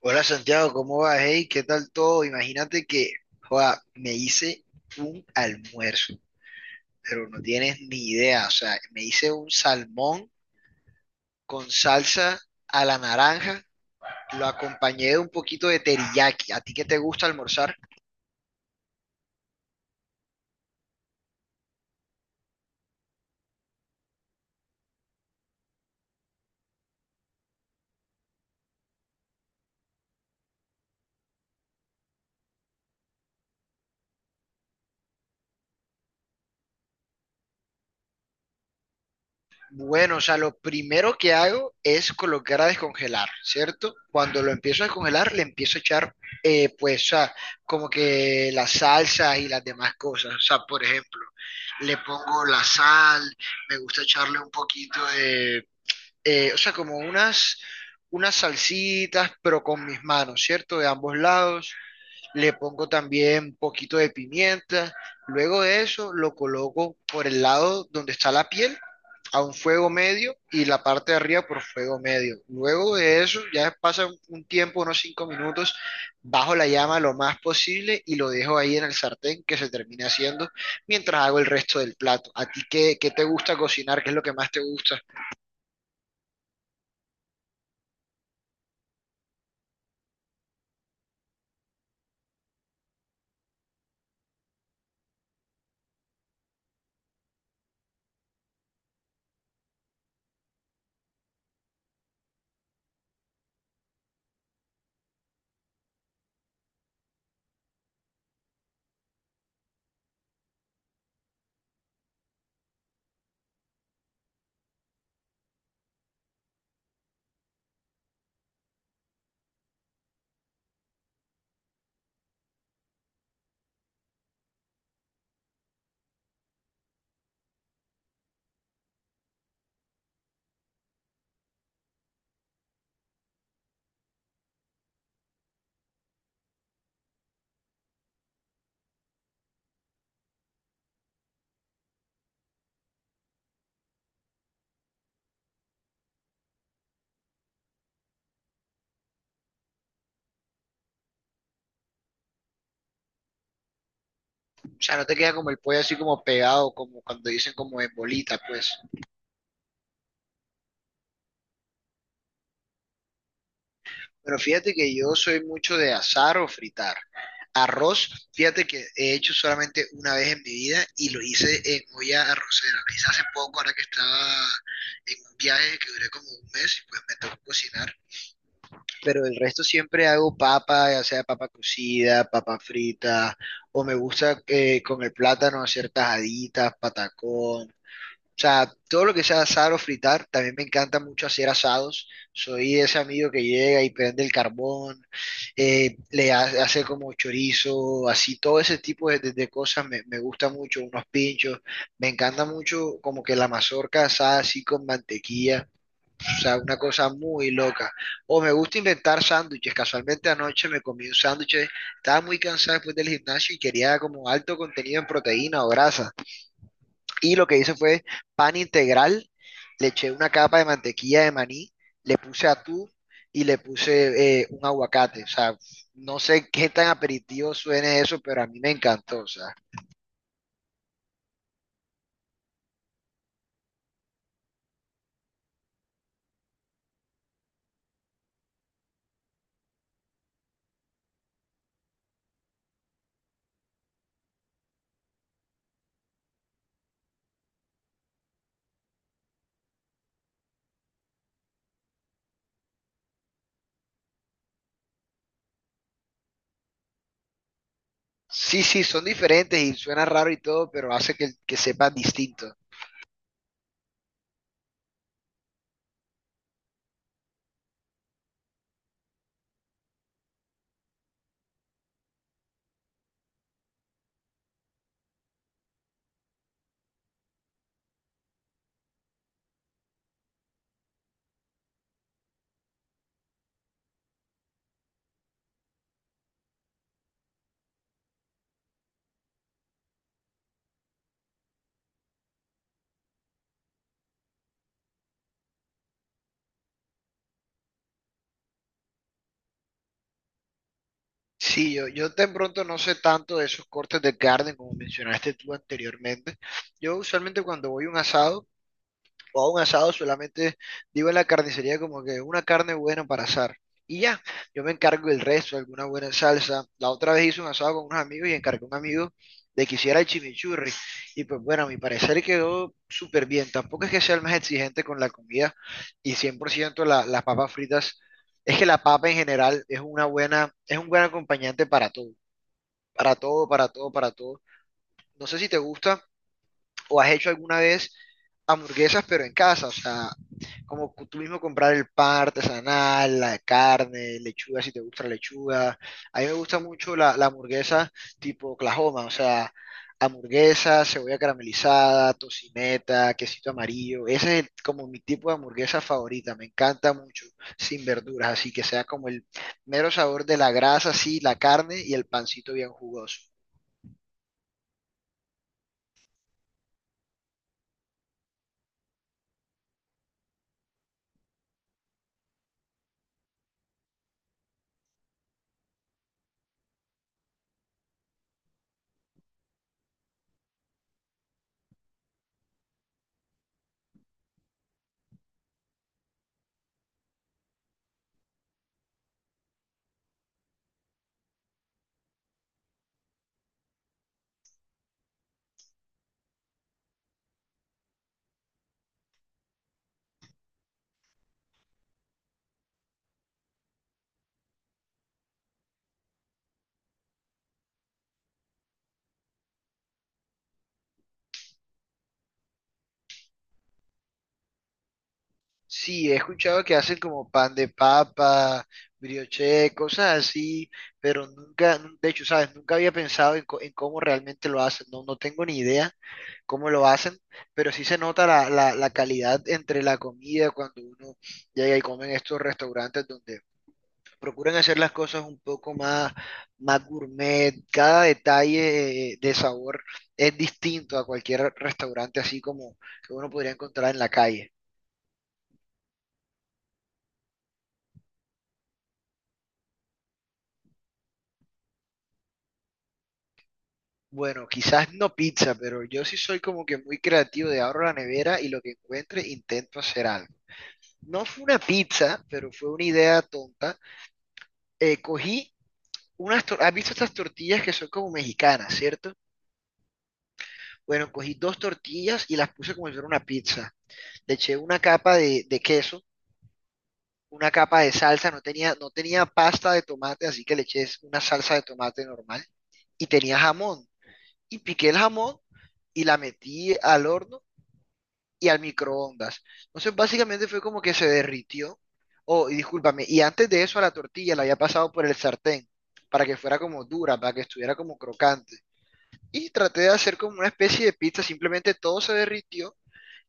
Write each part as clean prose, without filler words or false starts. Hola Santiago, ¿cómo vas? Hey, ¿qué tal todo? Imagínate que joda, me hice un almuerzo, pero no tienes ni idea. O sea, me hice un salmón con salsa a la naranja, lo acompañé de un poquito de teriyaki. ¿A ti qué te gusta almorzar? Bueno, o sea, lo primero que hago es colocar a descongelar, ¿cierto? Cuando lo empiezo a descongelar, le empiezo a echar, pues, o sea, como que las salsas y las demás cosas. O sea, por ejemplo, le pongo la sal, me gusta echarle un poquito de, o sea, como unas salsitas, pero con mis manos, ¿cierto? De ambos lados le pongo también un poquito de pimienta. Luego de eso lo coloco por el lado donde está la piel a un fuego medio y la parte de arriba por fuego medio. Luego de eso ya pasa un tiempo, unos 5 minutos, bajo la llama lo más posible y lo dejo ahí en el sartén que se termine haciendo mientras hago el resto del plato. ¿A ti qué, qué te gusta cocinar? ¿Qué es lo que más te gusta? O sea, no te queda como el pollo así como pegado, como cuando dicen como en bolita, pues. Pero fíjate que yo soy mucho de asar o fritar. Arroz, fíjate que he hecho solamente una vez en mi vida y lo hice en olla arrocera. Lo hice hace poco, ahora que estaba en un viaje que duré como un mes y pues me tocó cocinar. Pero el resto siempre hago papa, ya sea papa cocida, papa frita, o me gusta con el plátano hacer tajaditas, patacón, o sea, todo lo que sea asar o fritar, también me encanta mucho hacer asados. Soy ese amigo que llega y prende el carbón, hace como chorizo, así, todo ese tipo de cosas me gusta mucho, unos pinchos. Me encanta mucho como que la mazorca asada así con mantequilla, o sea, una cosa muy loca. O me gusta inventar sándwiches. Casualmente anoche me comí un sándwich, estaba muy cansado después del gimnasio y quería como alto contenido en proteína o grasa. Y lo que hice fue pan integral, le eché una capa de mantequilla de maní, le puse atún y le puse un aguacate. O sea, no sé qué tan aperitivo suene eso, pero a mí me encantó. O sea, sí, sí, son diferentes y suena raro y todo, pero hace que sepan distinto. Sí, yo de pronto no sé tanto de esos cortes de carne como mencionaste tú anteriormente. Yo usualmente cuando voy a un asado, o a un asado solamente digo en la carnicería como que una carne buena para asar. Y ya, yo me encargo del resto, alguna buena salsa. La otra vez hice un asado con unos amigos y encargué a un amigo de que hiciera el chimichurri. Y pues bueno, a mi parecer quedó súper bien. Tampoco es que sea el más exigente con la comida y 100% la- las papas fritas. Es que la papa en general es una buena, es un buen acompañante para todo, para todo, para todo, para todo. No sé si te gusta o has hecho alguna vez hamburguesas, pero en casa, o sea, como tú mismo comprar el pan artesanal, la carne, lechuga, si te gusta la lechuga. A mí me gusta mucho la hamburguesa tipo Oklahoma, o sea, hamburguesa, cebolla caramelizada, tocineta, quesito amarillo. Ese es como mi tipo de hamburguesa favorita, me encanta mucho, sin verduras, así que sea como el mero sabor de la grasa, sí, la carne y el pancito bien jugoso. Sí, he escuchado que hacen como pan de papa, brioche, cosas así, pero nunca, nu- de hecho, sabes, nunca había pensado en, en cómo realmente lo hacen, no, no tengo ni idea cómo lo hacen, pero sí se nota la calidad entre la comida cuando uno llega y come en estos restaurantes donde procuran hacer las cosas un poco más, más gourmet, cada detalle de sabor es distinto a cualquier restaurante así como que uno podría encontrar en la calle. Bueno, quizás no pizza, pero yo sí soy como que muy creativo de abro la nevera y lo que encuentre intento hacer algo. No fue una pizza, pero fue una idea tonta. Cogí ¿has visto estas tortillas que son como mexicanas, cierto? Bueno, cogí dos tortillas y las puse como si fuera una pizza. Le eché una capa de queso, una capa de salsa, no tenía pasta de tomate, así que le eché una salsa de tomate normal y tenía jamón. Y piqué el jamón y la metí al horno y al microondas. Entonces, básicamente fue como que se derritió. Oh, y discúlpame, y antes de eso a la tortilla la había pasado por el sartén para que fuera como dura, para que estuviera como crocante. Y traté de hacer como una especie de pizza, simplemente todo se derritió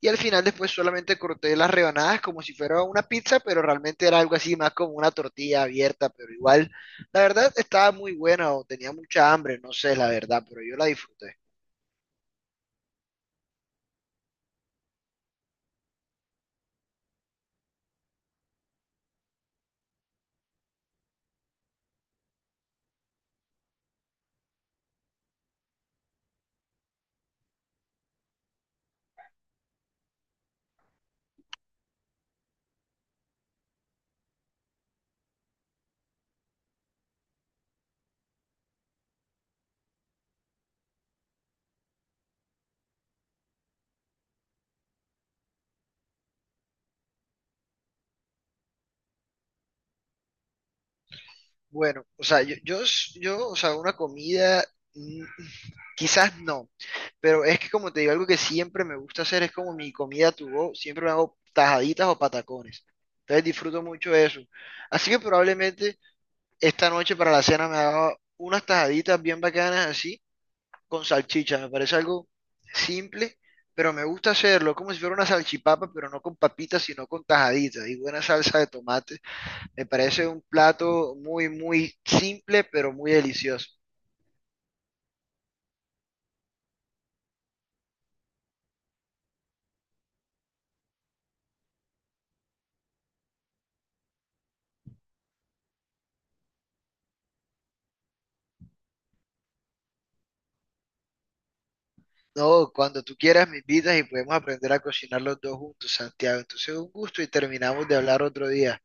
y al final después solamente corté las rebanadas como si fuera una pizza, pero realmente era algo así más como una tortilla abierta, pero igual, la verdad estaba muy buena o tenía mucha hambre, no sé, la verdad, pero yo la disfruté. Bueno, o sea, o sea, una comida, mm, quizás no, pero es que como te digo, algo que siempre me gusta hacer es como mi comida to go, siempre me hago tajaditas o patacones. Entonces disfruto mucho eso. Así que probablemente esta noche para la cena me haga unas tajaditas bien bacanas así, con salchicha. Me parece algo simple, pero me gusta hacerlo, como si fuera una salchipapa, pero no con papitas, sino con tajaditas y buena salsa de tomate. Me parece un plato muy, muy simple, pero muy delicioso. No, cuando tú quieras me invitas y podemos aprender a cocinar los dos juntos, Santiago. Entonces, un gusto y terminamos de hablar otro día.